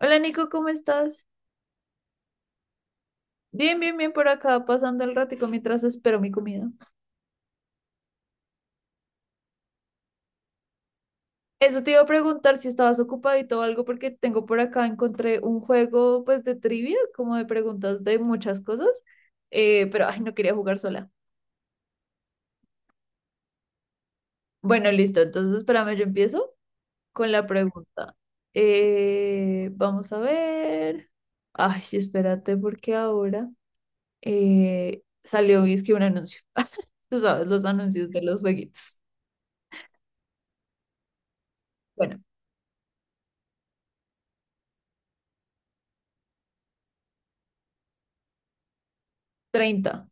Hola Nico, ¿cómo estás? Bien, bien, bien por acá, pasando el ratico mientras espero mi comida. Eso te iba a preguntar si estabas ocupadito o algo, porque tengo por acá, encontré un juego pues de trivia, como de preguntas de muchas cosas, pero ay, no quería jugar sola. Bueno, listo, entonces espérame, yo empiezo con la pregunta. Vamos a ver. Ay, sí, espérate, porque ahora salió, es que un anuncio. Tú sabes, los anuncios de los jueguitos. Bueno, 30.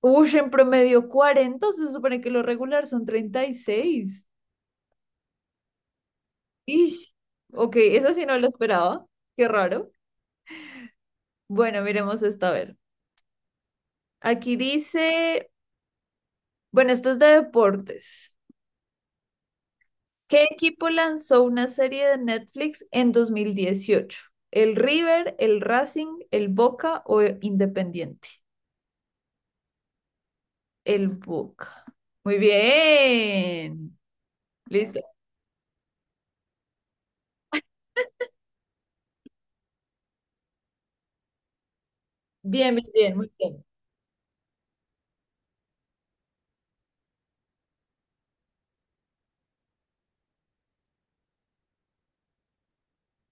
Uy, en promedio 40, se supone que lo regular son 36. Ish. Ok, esa sí no la esperaba. Qué raro. Bueno, miremos esta a ver. Aquí dice, bueno, esto es de deportes. ¿Qué equipo lanzó una serie de Netflix en 2018? ¿El River, el Racing, el Boca o el Independiente? El Boca. Muy bien. Listo. Bien, bien, bien, muy bien.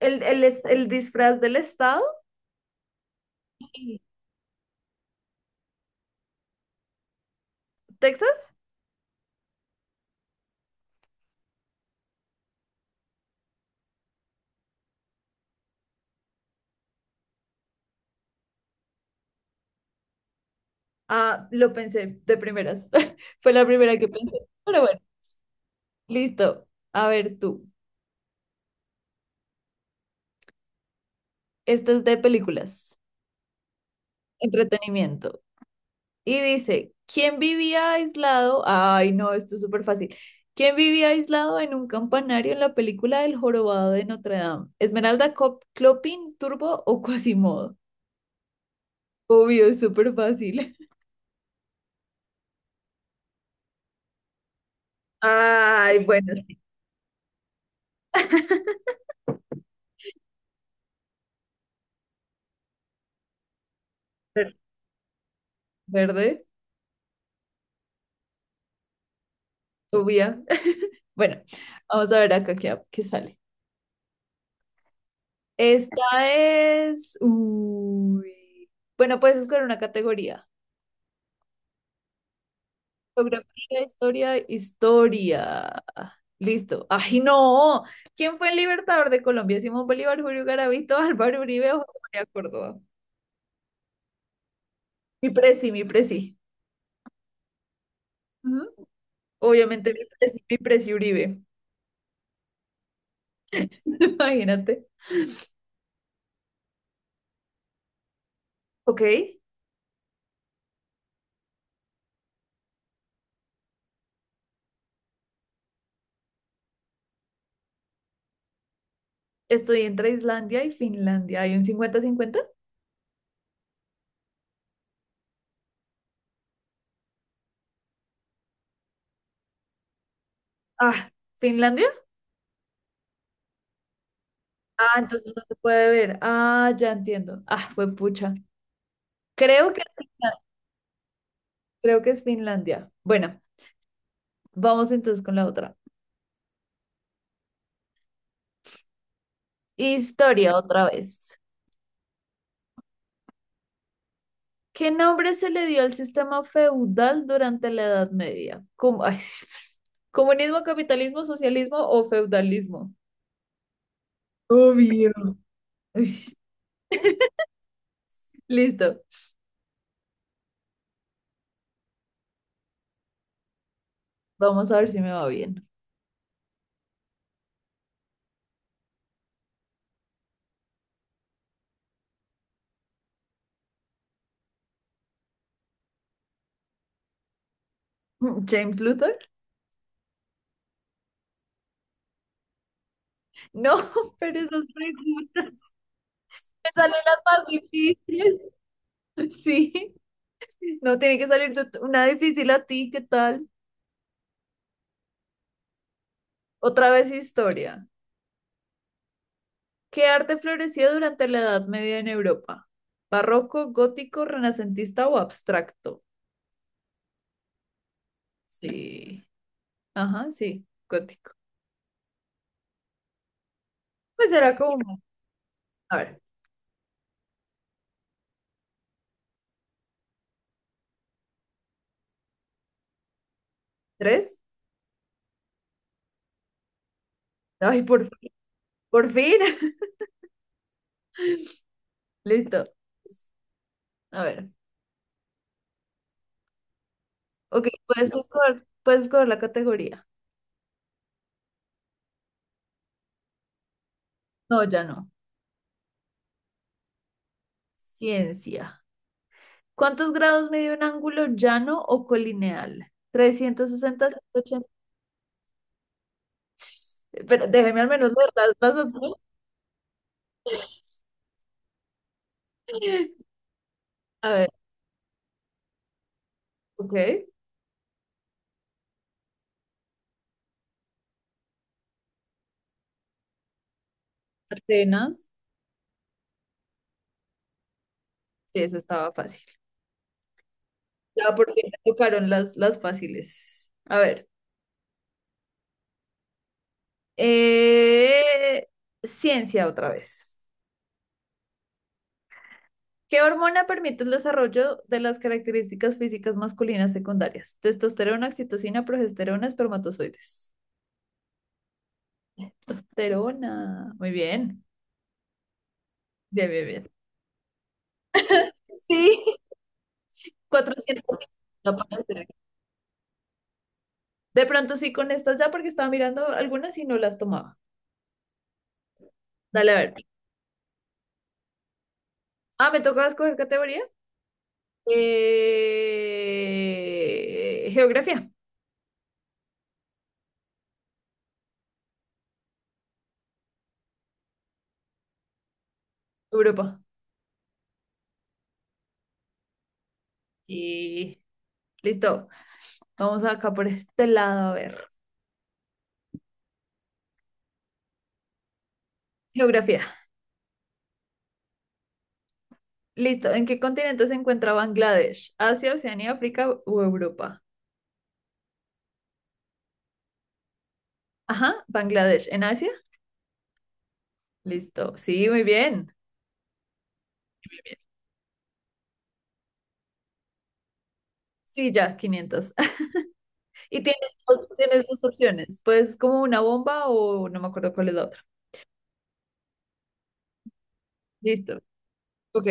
¿El disfraz del estado? Sí. ¿Texas? Ah, lo pensé de primeras. Fue la primera que pensé. Pero bueno, listo. A ver tú. Esto es de películas, entretenimiento. Y dice, ¿quién vivía aislado? Ay, no, esto es súper fácil. ¿Quién vivía aislado en un campanario en la película El jorobado de Notre Dame? ¿Esmeralda, Clopin, Turbo o Quasimodo? Obvio, es súper fácil. Ay, bueno, sí. Verde, obvia. Bueno, vamos a ver acá qué sale. Esta es. Uy. Bueno, puedes escoger una categoría. Geografía, historia. Listo. ¡Ay, no! ¿Quién fue el libertador de Colombia? Simón Bolívar, Julio Garavito, Álvaro Uribe o José María Córdoba. Mi presi, mi presi. Ujú. Obviamente mi presi Uribe. Imagínate. Ok. Estoy entre Islandia y Finlandia. ¿Hay un 50 cincuenta? Ah, ¿Finlandia? Ah, entonces no se puede ver. Ah, ya entiendo. Ah, fue pucha. Creo que es Finlandia. Creo que es Finlandia. Bueno, vamos entonces con la otra. Historia otra vez. ¿Qué nombre se le dio al sistema feudal durante la Edad Media? Ay, ¿comunismo, capitalismo, socialismo o feudalismo? Obvio. Uy, listo. Vamos a ver si me va bien. ¿James Luther? No, pero esas preguntas me salen las más difíciles. Sí. No tiene que salir una difícil a ti, ¿qué tal? Otra vez historia. ¿Qué arte floreció durante la Edad Media en Europa? ¿Barroco, gótico, renacentista o abstracto? Sí. Ajá, sí, gótico. Pues era como, a ver, tres. Ay, por fin, por fin. Listo. A ver, ok, puedes escoger la categoría. No, ya no. Ciencia. ¿Cuántos grados mide un ángulo llano o colineal? 360, 180. Pero déjeme al menos leer las opciones. A ver, ok. Atenas, sí, eso estaba fácil. Ya por fin me tocaron las fáciles. A ver, eh, ciencia otra vez. ¿Qué hormona permite el desarrollo de las características físicas masculinas secundarias? Testosterona, oxitocina, progesterona, espermatozoides. Testosterona. Muy bien. Bien, bien, bien. Sí. 400. No puede ser. De pronto sí con estas ya porque estaba mirando algunas y no las tomaba. Dale, a ver. Ah, me toca escoger categoría. Geografía, Europa. Y listo. Vamos acá por este lado a ver. Geografía. Listo. ¿En qué continente se encuentra Bangladesh? ¿Asia, Oceanía, África o Europa? Ajá, Bangladesh. ¿En Asia? Listo. Sí, muy bien. Sí, ya, 500. Y tienes dos opciones. Pues como una bomba o no me acuerdo cuál es la otra. Listo. Ok.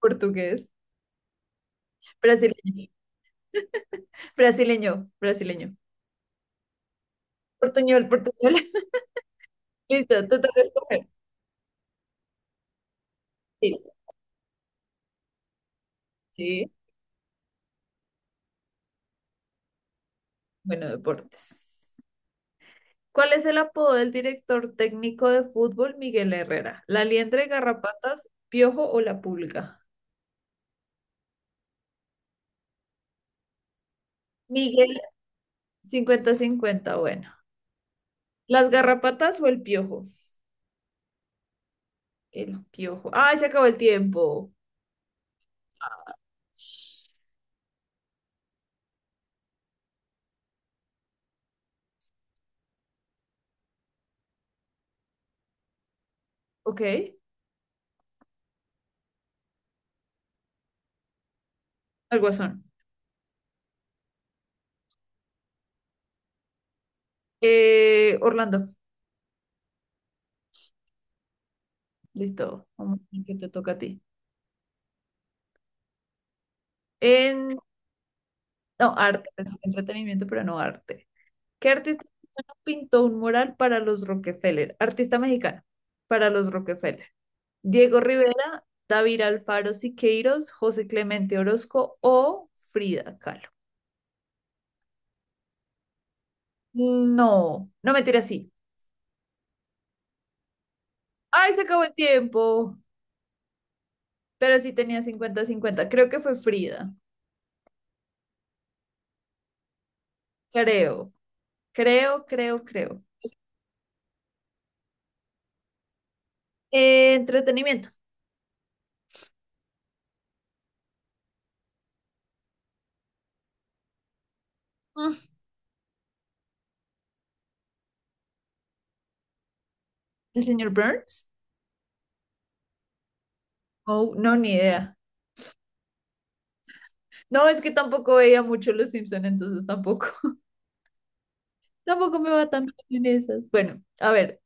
Portugués. Brasileño. Brasileño. Brasileño. Portuñol, portuñol. Listo, te toca escoger. Sí, sí. Bueno, deportes. ¿Cuál es el apodo del director técnico de fútbol Miguel Herrera? ¿La liendre, garrapatas, piojo o la pulga? Miguel, 50-50, bueno. ¿Las garrapatas o el piojo? El piojo. ¡Ay, se acabó el tiempo! Ok, al guasón. Orlando, listo. Vamos, que te toca a ti. En, no, arte, entretenimiento, pero no arte. ¿Qué artista mexicano pintó un mural para los Rockefeller? Artista mexicano, para los Rockefeller. Diego Rivera, David Alfaro Siqueiros, José Clemente Orozco o Frida Kahlo. No, no me tira así. Ay, se acabó el tiempo. Pero sí tenía 50-50, creo que fue Frida. Creo, creo, creo, creo. Entretenimiento. Mm, ¿El señor Burns? Oh, no, ni idea. No, es que tampoco veía mucho Los Simpson, entonces tampoco. Tampoco me va tan bien en esas. Bueno, a ver,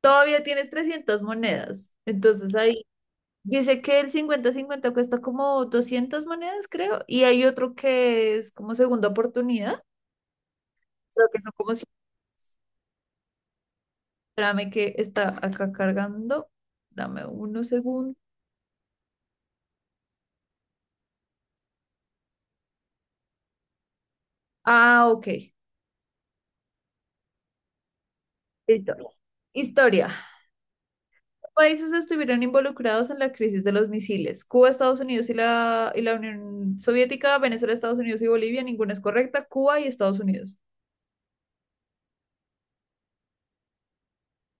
todavía tienes 300 monedas. Entonces ahí dice que el 50-50 cuesta como 200 monedas, creo. Y hay otro que es como segunda oportunidad. Creo que son como. Espérame que está acá cargando. Dame unos segundos. Ah, ok. Listo. Historia. Países estuvieron involucrados en la crisis de los misiles. Cuba, Estados Unidos y la Unión Soviética, Venezuela, Estados Unidos y Bolivia. Ninguna es correcta. Cuba y Estados Unidos.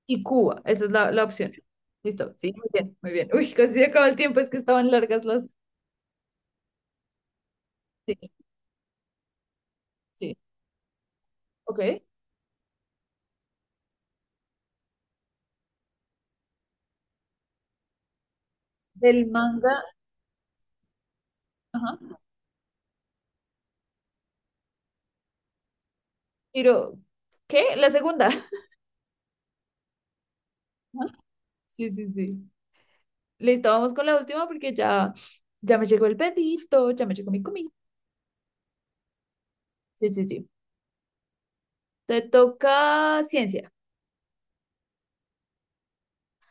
Y Cuba. Esa es la opción. Listo. Sí, muy bien, muy bien. Uy, casi se acaba el tiempo, es que estaban largas las. Sí, sí. Ok. Del manga. Ajá. Tiro. ¿Qué? La segunda. Ajá. Sí, sí, sí. Listo, vamos con la última porque ya me llegó el pedito, ya me llegó mi comida. Sí, sí, sí. Te toca ciencia.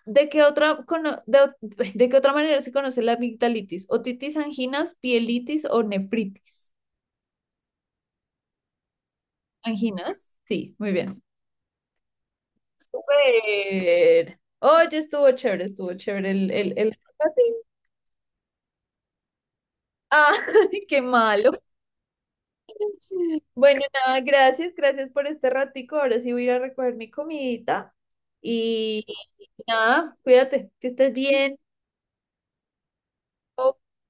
¿De qué otra, de qué otra manera se conoce la amigdalitis? ¿Otitis, anginas, pielitis o nefritis? Anginas, sí, muy bien. Súper. Oye, estuvo chévere el ratín. Ah, qué malo. Bueno, nada, gracias, gracias por este ratico. Ahora sí voy a ir a recoger mi comidita. Y nada, cuídate, que estés bien.